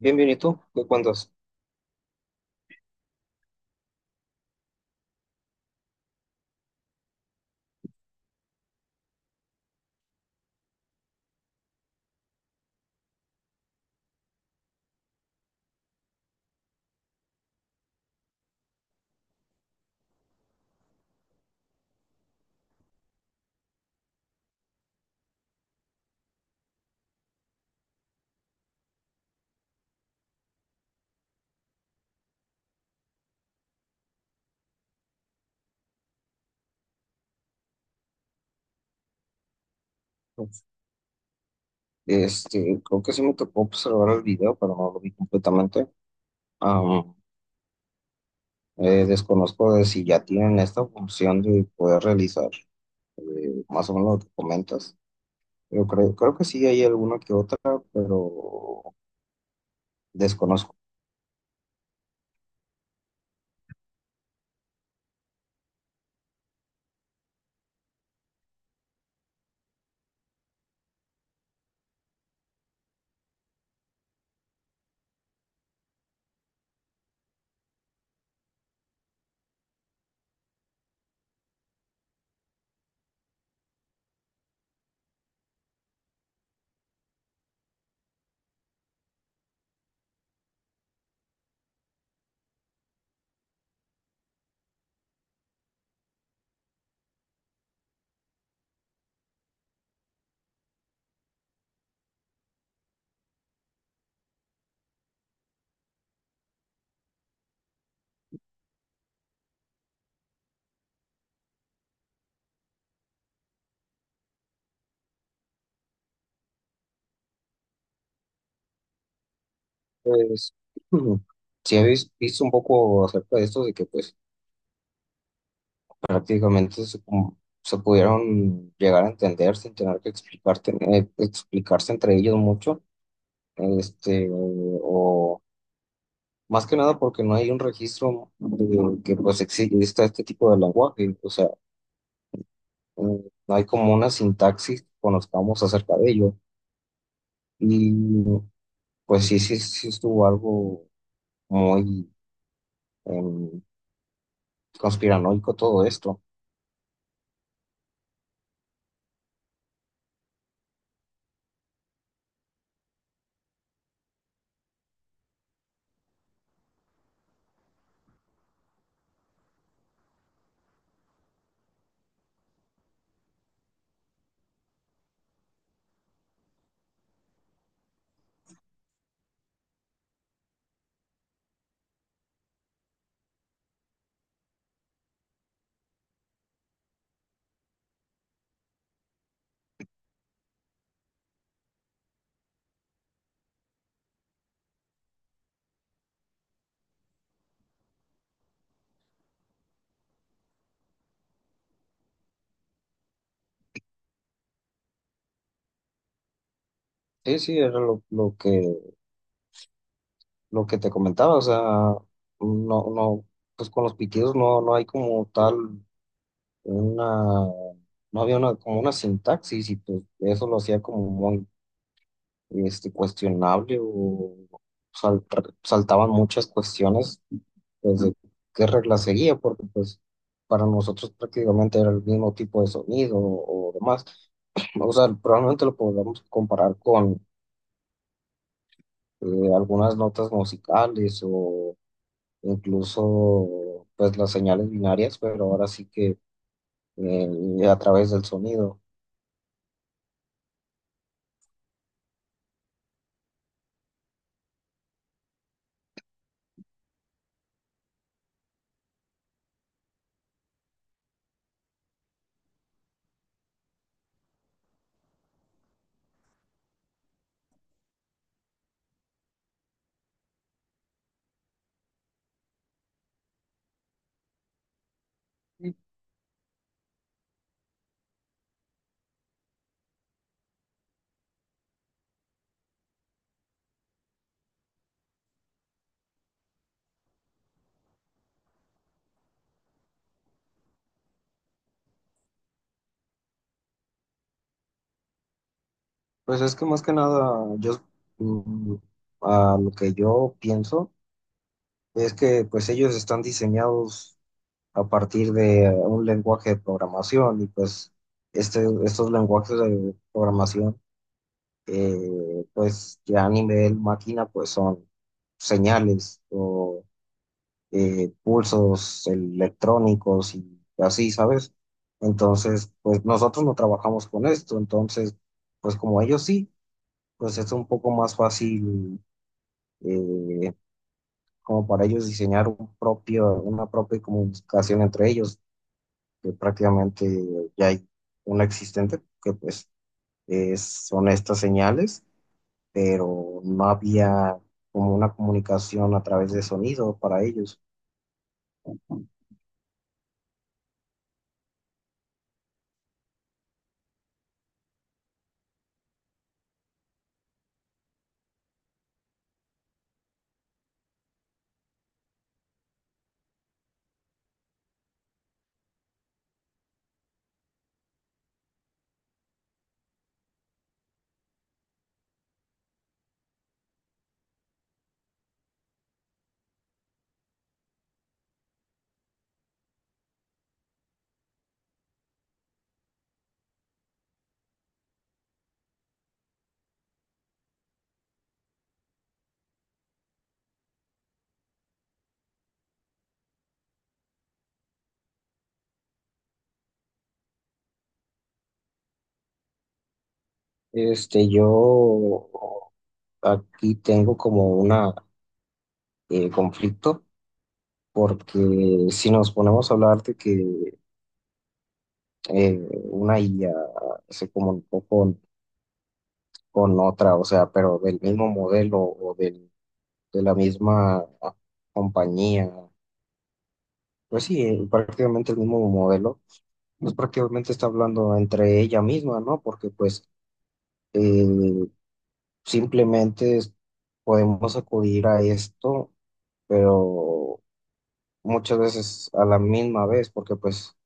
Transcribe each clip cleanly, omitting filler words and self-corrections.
Bien, bien, ¿y tú? ¿Qué cuentas? Creo que sí me tocó observar el video, pero no lo vi completamente. Ah, Desconozco de si ya tienen esta función de poder realizar más o menos lo que comentas. Yo creo que sí hay alguna que otra, pero desconozco. Pues, mm, sí habéis visto un poco acerca de esto, de que pues prácticamente se, como- se pudieron llegar a entender sin tener que explicarte, explicarse entre ellos mucho, o más que nada porque no hay un registro de que pues exista este tipo de lenguaje, o sea, mm, no hay como una sintaxis que conozcamos acerca de ello. Y pues sí estuvo algo muy em, conspiranoico todo esto. Sí, sí, era lo que te comentaba, o sea, no, no, pues con los pitidos no, no hay como tal una no había una, como una sintaxis y pues eso lo hacía como muy, cuestionable o saltaban muchas cuestiones pues, de qué regla seguía, porque pues para nosotros prácticamente era el mismo tipo de sonido o demás. O sea, probablemente lo podamos comparar con algunas notas musicales o incluso pues las señales binarias, pero ahora sí que a través del sonido. Pues es que más que nada yo mm, a lo que yo pienso es que pues ellos están diseñados a partir de un lenguaje de programación y pues, estos lenguajes de programación pues ya a nivel máquina pues son señales o pulsos electrónicos y así, ¿sabes? Entonces pues nosotros no trabajamos con esto, entonces pues como ellos sí, pues es un poco más fácil eh, como para ellos diseñar un propio, una propia comunicación entre ellos, que prácticamente ya hay una existente, que pues son estas señales, pero no había como una comunicación a través de sonido para ellos. Yo aquí tengo como una conflicto, porque si nos ponemos a hablar de que eh, una IA se comunicó con otra, o sea, pero del mismo modelo o del de la misma compañía. Pues sí, prácticamente el mismo modelo, pues prácticamente está hablando entre ella misma, ¿no? Porque pues eh, simplemente podemos acudir a esto, pero muchas veces a la misma vez, porque pues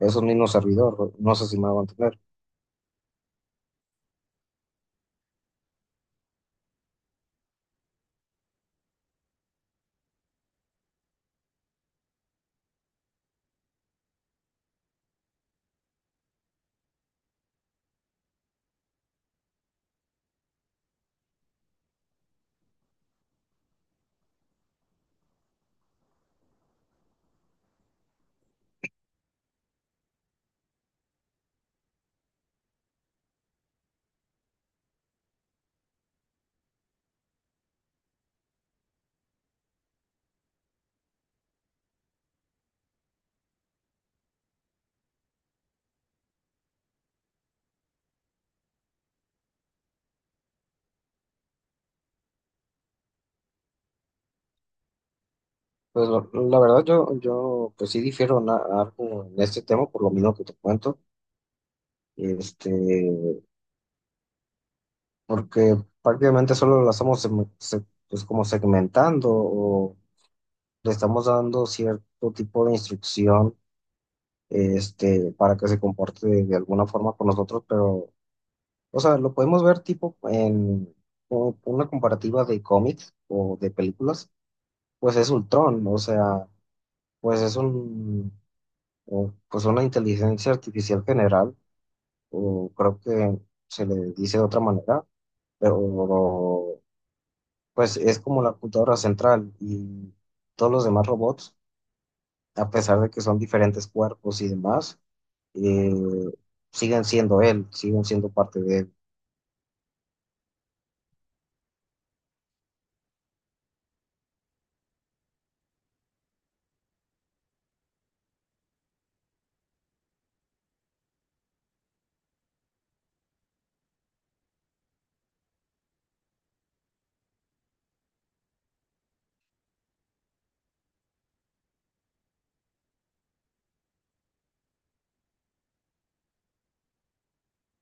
es un mismo servidor, no sé si me va a entender. Pues la verdad yo pues sí difiero en algo en este tema, por lo mismo que te cuento. Este, Porque prácticamente solo la estamos pues como segmentando o le estamos dando cierto tipo de instrucción, para que se comporte de alguna forma con nosotros, pero, o sea, lo podemos ver tipo en una comparativa de cómics o de películas, pues es Ultron, o sea, pues es pues una inteligencia artificial general, o creo que se le dice de otra manera, pero pues es como la computadora central y todos los demás robots, a pesar de que son diferentes cuerpos y demás, eh, siguen siendo él, siguen siendo parte de él.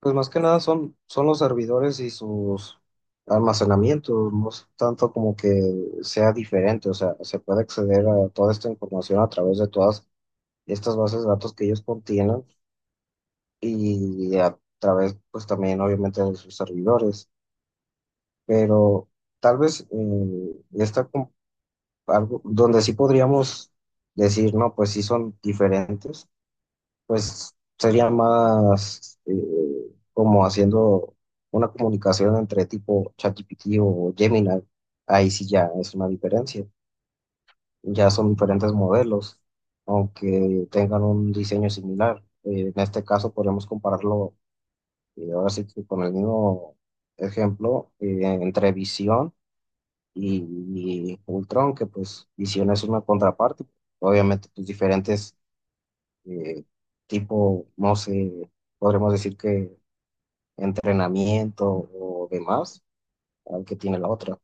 Pues más que nada son los servidores y sus almacenamientos, no es tanto como que sea diferente, o sea, se puede acceder a toda esta información a través de todas estas bases de datos que ellos contienen y a través, pues también obviamente de sus servidores, pero tal vez algo donde sí podríamos decir, no, pues sí son diferentes, pues sería más como haciendo una comunicación entre tipo ChatGPT o Gemini, ahí sí ya es una diferencia, ya son diferentes modelos, aunque tengan un diseño similar. En este caso podríamos compararlo, ahora sí que con el mismo ejemplo, entre visión y Ultron, que pues Visión es una contraparte, obviamente pues diferentes eh, tipo, no sé, podremos decir que entrenamiento o demás al que tiene la otra.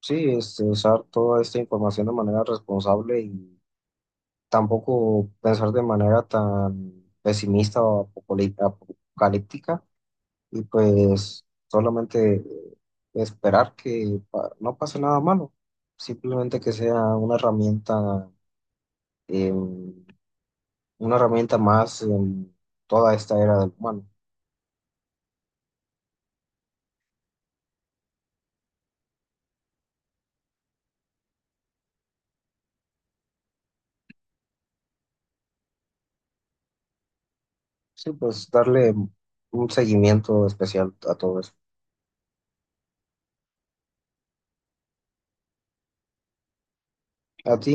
Sí, usar toda esta información de manera responsable y tampoco pensar de manera tan pesimista o apocalíptica y pues solamente esperar que no pase nada malo, simplemente que sea eh, una herramienta más en toda esta era del humano. Sí, pues darle un seguimiento especial a todo eso. ¿A ti?